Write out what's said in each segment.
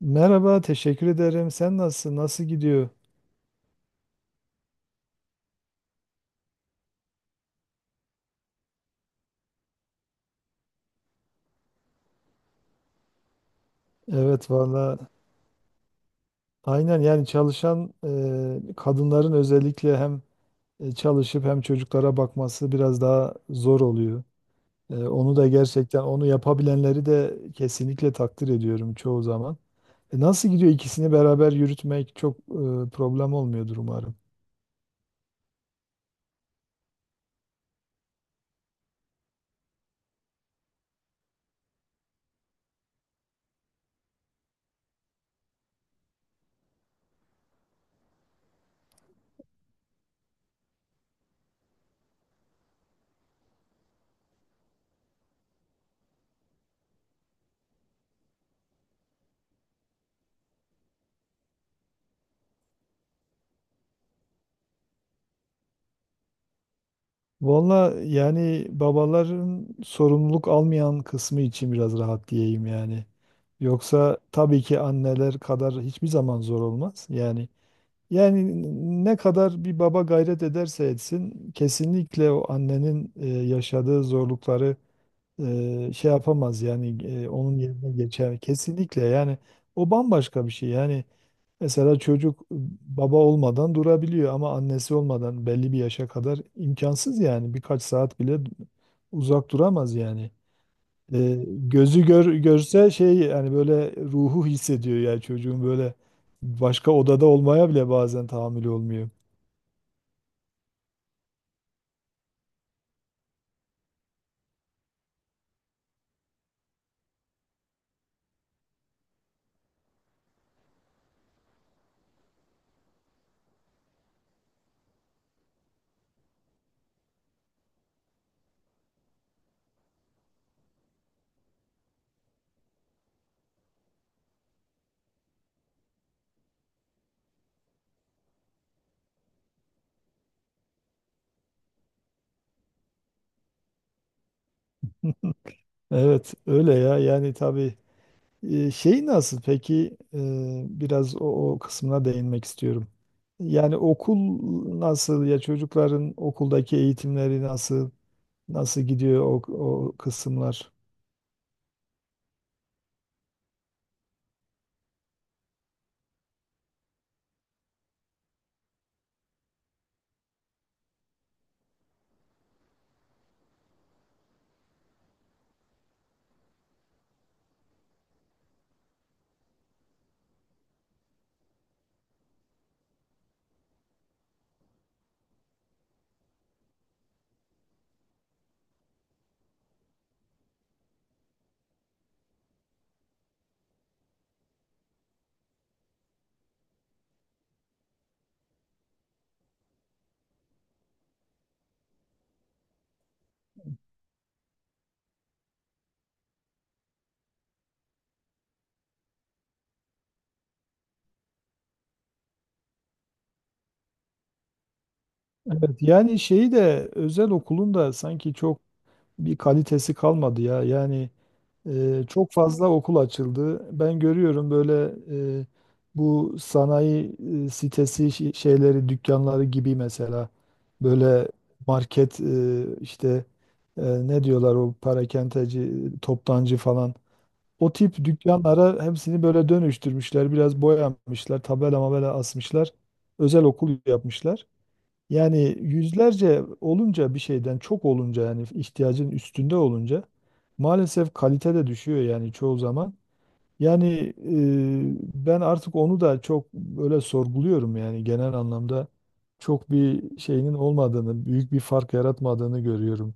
Merhaba, teşekkür ederim. Sen nasılsın? Nasıl gidiyor? Evet valla aynen yani çalışan kadınların özellikle hem çalışıp hem çocuklara bakması biraz daha zor oluyor. Onu da gerçekten onu yapabilenleri de kesinlikle takdir ediyorum çoğu zaman. Nasıl gidiyor ikisini beraber yürütmek çok problem olmuyordur umarım. Valla yani babaların sorumluluk almayan kısmı için biraz rahat diyeyim yani. Yoksa tabii ki anneler kadar hiçbir zaman zor olmaz. Yani ne kadar bir baba gayret ederse etsin kesinlikle o annenin yaşadığı zorlukları şey yapamaz yani onun yerine geçer. Kesinlikle yani o bambaşka bir şey yani. Mesela çocuk baba olmadan durabiliyor ama annesi olmadan belli bir yaşa kadar imkansız yani. Birkaç saat bile uzak duramaz yani. Gözü görse şey yani böyle ruhu hissediyor yani çocuğun böyle başka odada olmaya bile bazen tahammülü olmuyor. Evet öyle ya yani tabii. Şey nasıl peki? Biraz o kısmına değinmek istiyorum. Yani okul nasıl ya, çocukların okuldaki eğitimleri nasıl? Nasıl gidiyor o kısımlar? Evet, yani şeyi de özel okulun da sanki çok bir kalitesi kalmadı ya. Yani çok fazla okul açıldı. Ben görüyorum böyle e, bu sanayi sitesi şeyleri, dükkanları gibi mesela böyle market işte ne diyorlar o parakendeci, toptancı falan. O tip dükkanlara hepsini böyle dönüştürmüşler. Biraz boyamışlar, tabela mabela asmışlar. Özel okul yapmışlar. Yani yüzlerce olunca, bir şeyden çok olunca yani ihtiyacın üstünde olunca maalesef kalite de düşüyor yani çoğu zaman. Yani ben artık onu da çok böyle sorguluyorum yani genel anlamda çok bir şeyinin olmadığını, büyük bir fark yaratmadığını görüyorum.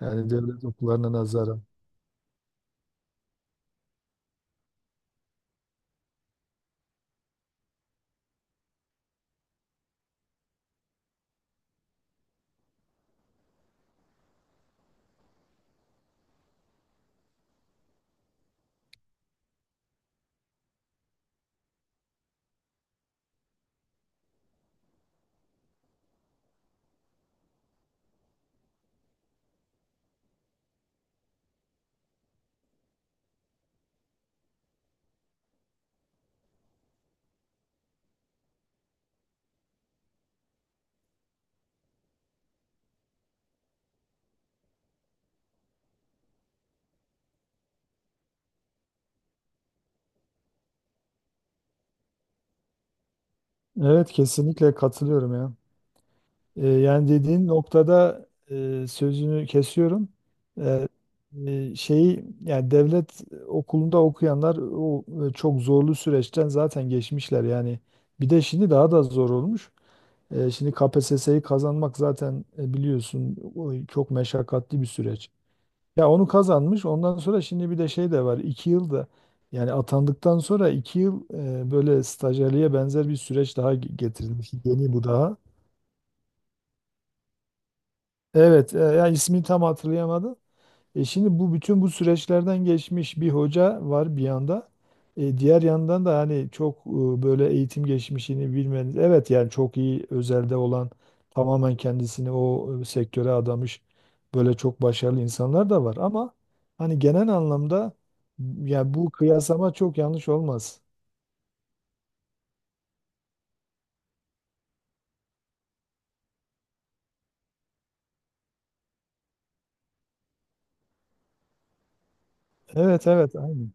Yani devlet okullarına nazaran. Evet kesinlikle katılıyorum ya. Yani dediğin noktada sözünü kesiyorum. E, şeyi yani devlet okulunda okuyanlar o çok zorlu süreçten zaten geçmişler yani. Bir de şimdi daha da zor olmuş. Şimdi KPSS'yi kazanmak zaten biliyorsun o çok meşakkatli bir süreç. Ya onu kazanmış. Ondan sonra şimdi bir de şey de var. İki yılda yani atandıktan sonra iki yıl böyle stajyerliğe benzer bir süreç daha getirilmiş. Yeni bu daha. Evet, ya ismini tam hatırlayamadım. E şimdi bu bütün bu süreçlerden geçmiş bir hoca var bir yanda. Diğer yandan da hani çok böyle eğitim geçmişini bilmeniz. Evet yani çok iyi özelde olan tamamen kendisini o sektöre adamış böyle çok başarılı insanlar da var ama hani genel anlamda yani bu kıyaslama çok yanlış olmaz. Evet evet aynı.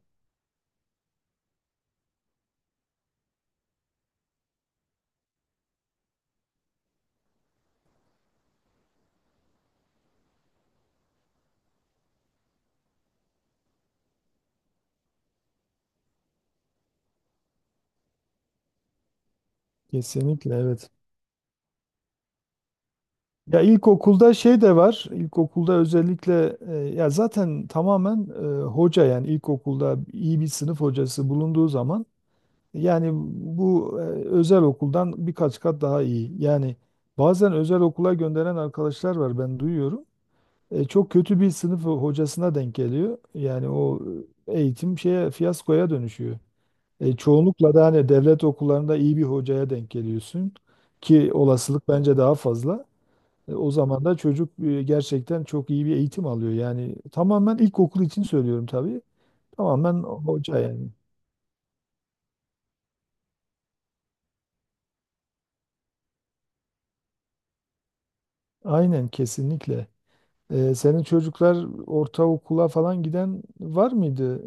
Kesinlikle evet. Ya ilkokulda şey de var. İlkokulda özellikle ya zaten tamamen hoca, yani ilkokulda iyi bir sınıf hocası bulunduğu zaman yani bu özel okuldan birkaç kat daha iyi. Yani bazen özel okula gönderen arkadaşlar var, ben duyuyorum. Çok kötü bir sınıf hocasına denk geliyor. Yani o eğitim şeye, fiyaskoya dönüşüyor. Çoğunlukla da hani devlet okullarında iyi bir hocaya denk geliyorsun ki olasılık bence daha fazla. O zaman da çocuk gerçekten çok iyi bir eğitim alıyor. Yani tamamen ilkokul için söylüyorum tabii. Tamamen hoca yani. Aynen kesinlikle. Senin çocuklar ortaokula falan giden var mıydı?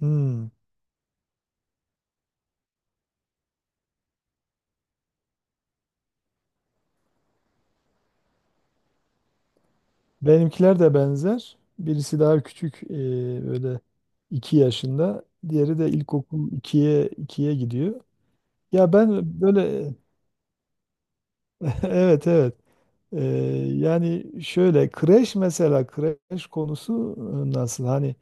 Hmm. Benimkiler de benzer. Birisi daha küçük, böyle 2 yaşında. Diğeri de ilkokul ikiye gidiyor. Ya ben böyle evet evet. Ee, yani şöyle kreş, mesela kreş konusu nasıl? Hani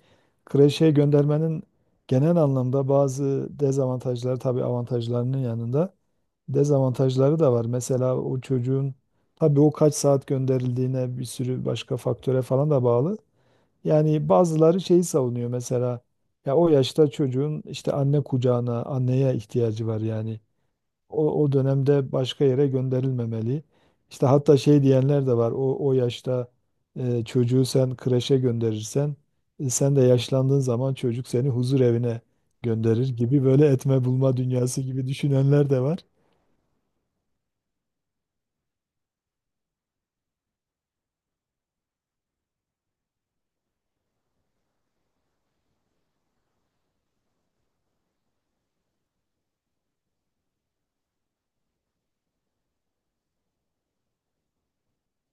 kreşe göndermenin genel anlamda bazı dezavantajları, tabii avantajlarının yanında dezavantajları da var. Mesela o çocuğun, tabii o kaç saat gönderildiğine, bir sürü başka faktöre falan da bağlı. Yani bazıları şeyi savunuyor mesela, ya o yaşta çocuğun işte anne kucağına, anneye ihtiyacı var yani o dönemde başka yere gönderilmemeli. İşte hatta şey diyenler de var. O yaşta çocuğu sen kreşe gönderirsen sen de yaşlandığın zaman çocuk seni huzur evine gönderir gibi, böyle etme bulma dünyası gibi düşünenler de var.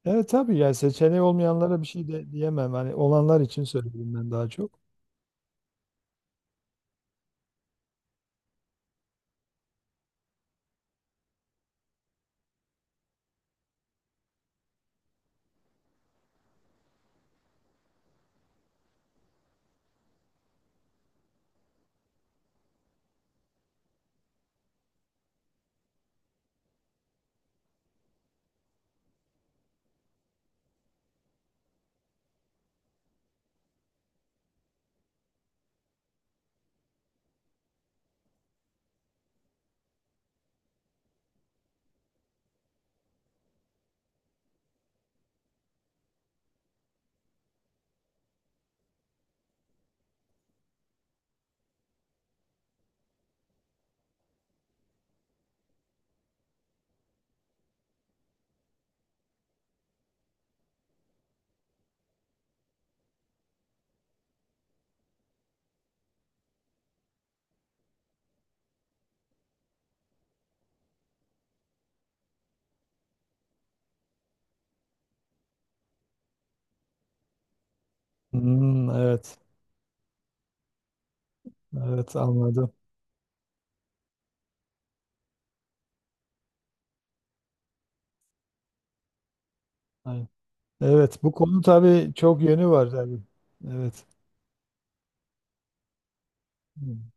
Evet tabii yani seçeneği olmayanlara bir şey de diyemem. Hani olanlar için söyledim ben daha çok. Hmm, evet. Evet anladım. Aynen. Evet bu konu tabii çok yönü var tabii. Evet. Hmm.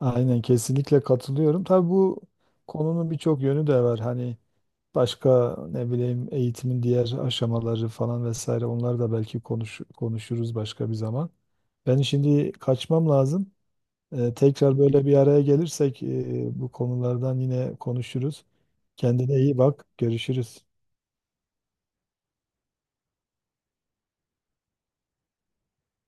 Aynen kesinlikle katılıyorum. Tabii bu konunun birçok yönü de var. Hani başka ne bileyim, eğitimin diğer aşamaları falan vesaire, onları da belki konuşuruz başka bir zaman. Ben şimdi kaçmam lazım. Tekrar böyle bir araya gelirsek bu konulardan yine konuşuruz. Kendine iyi bak. Görüşürüz.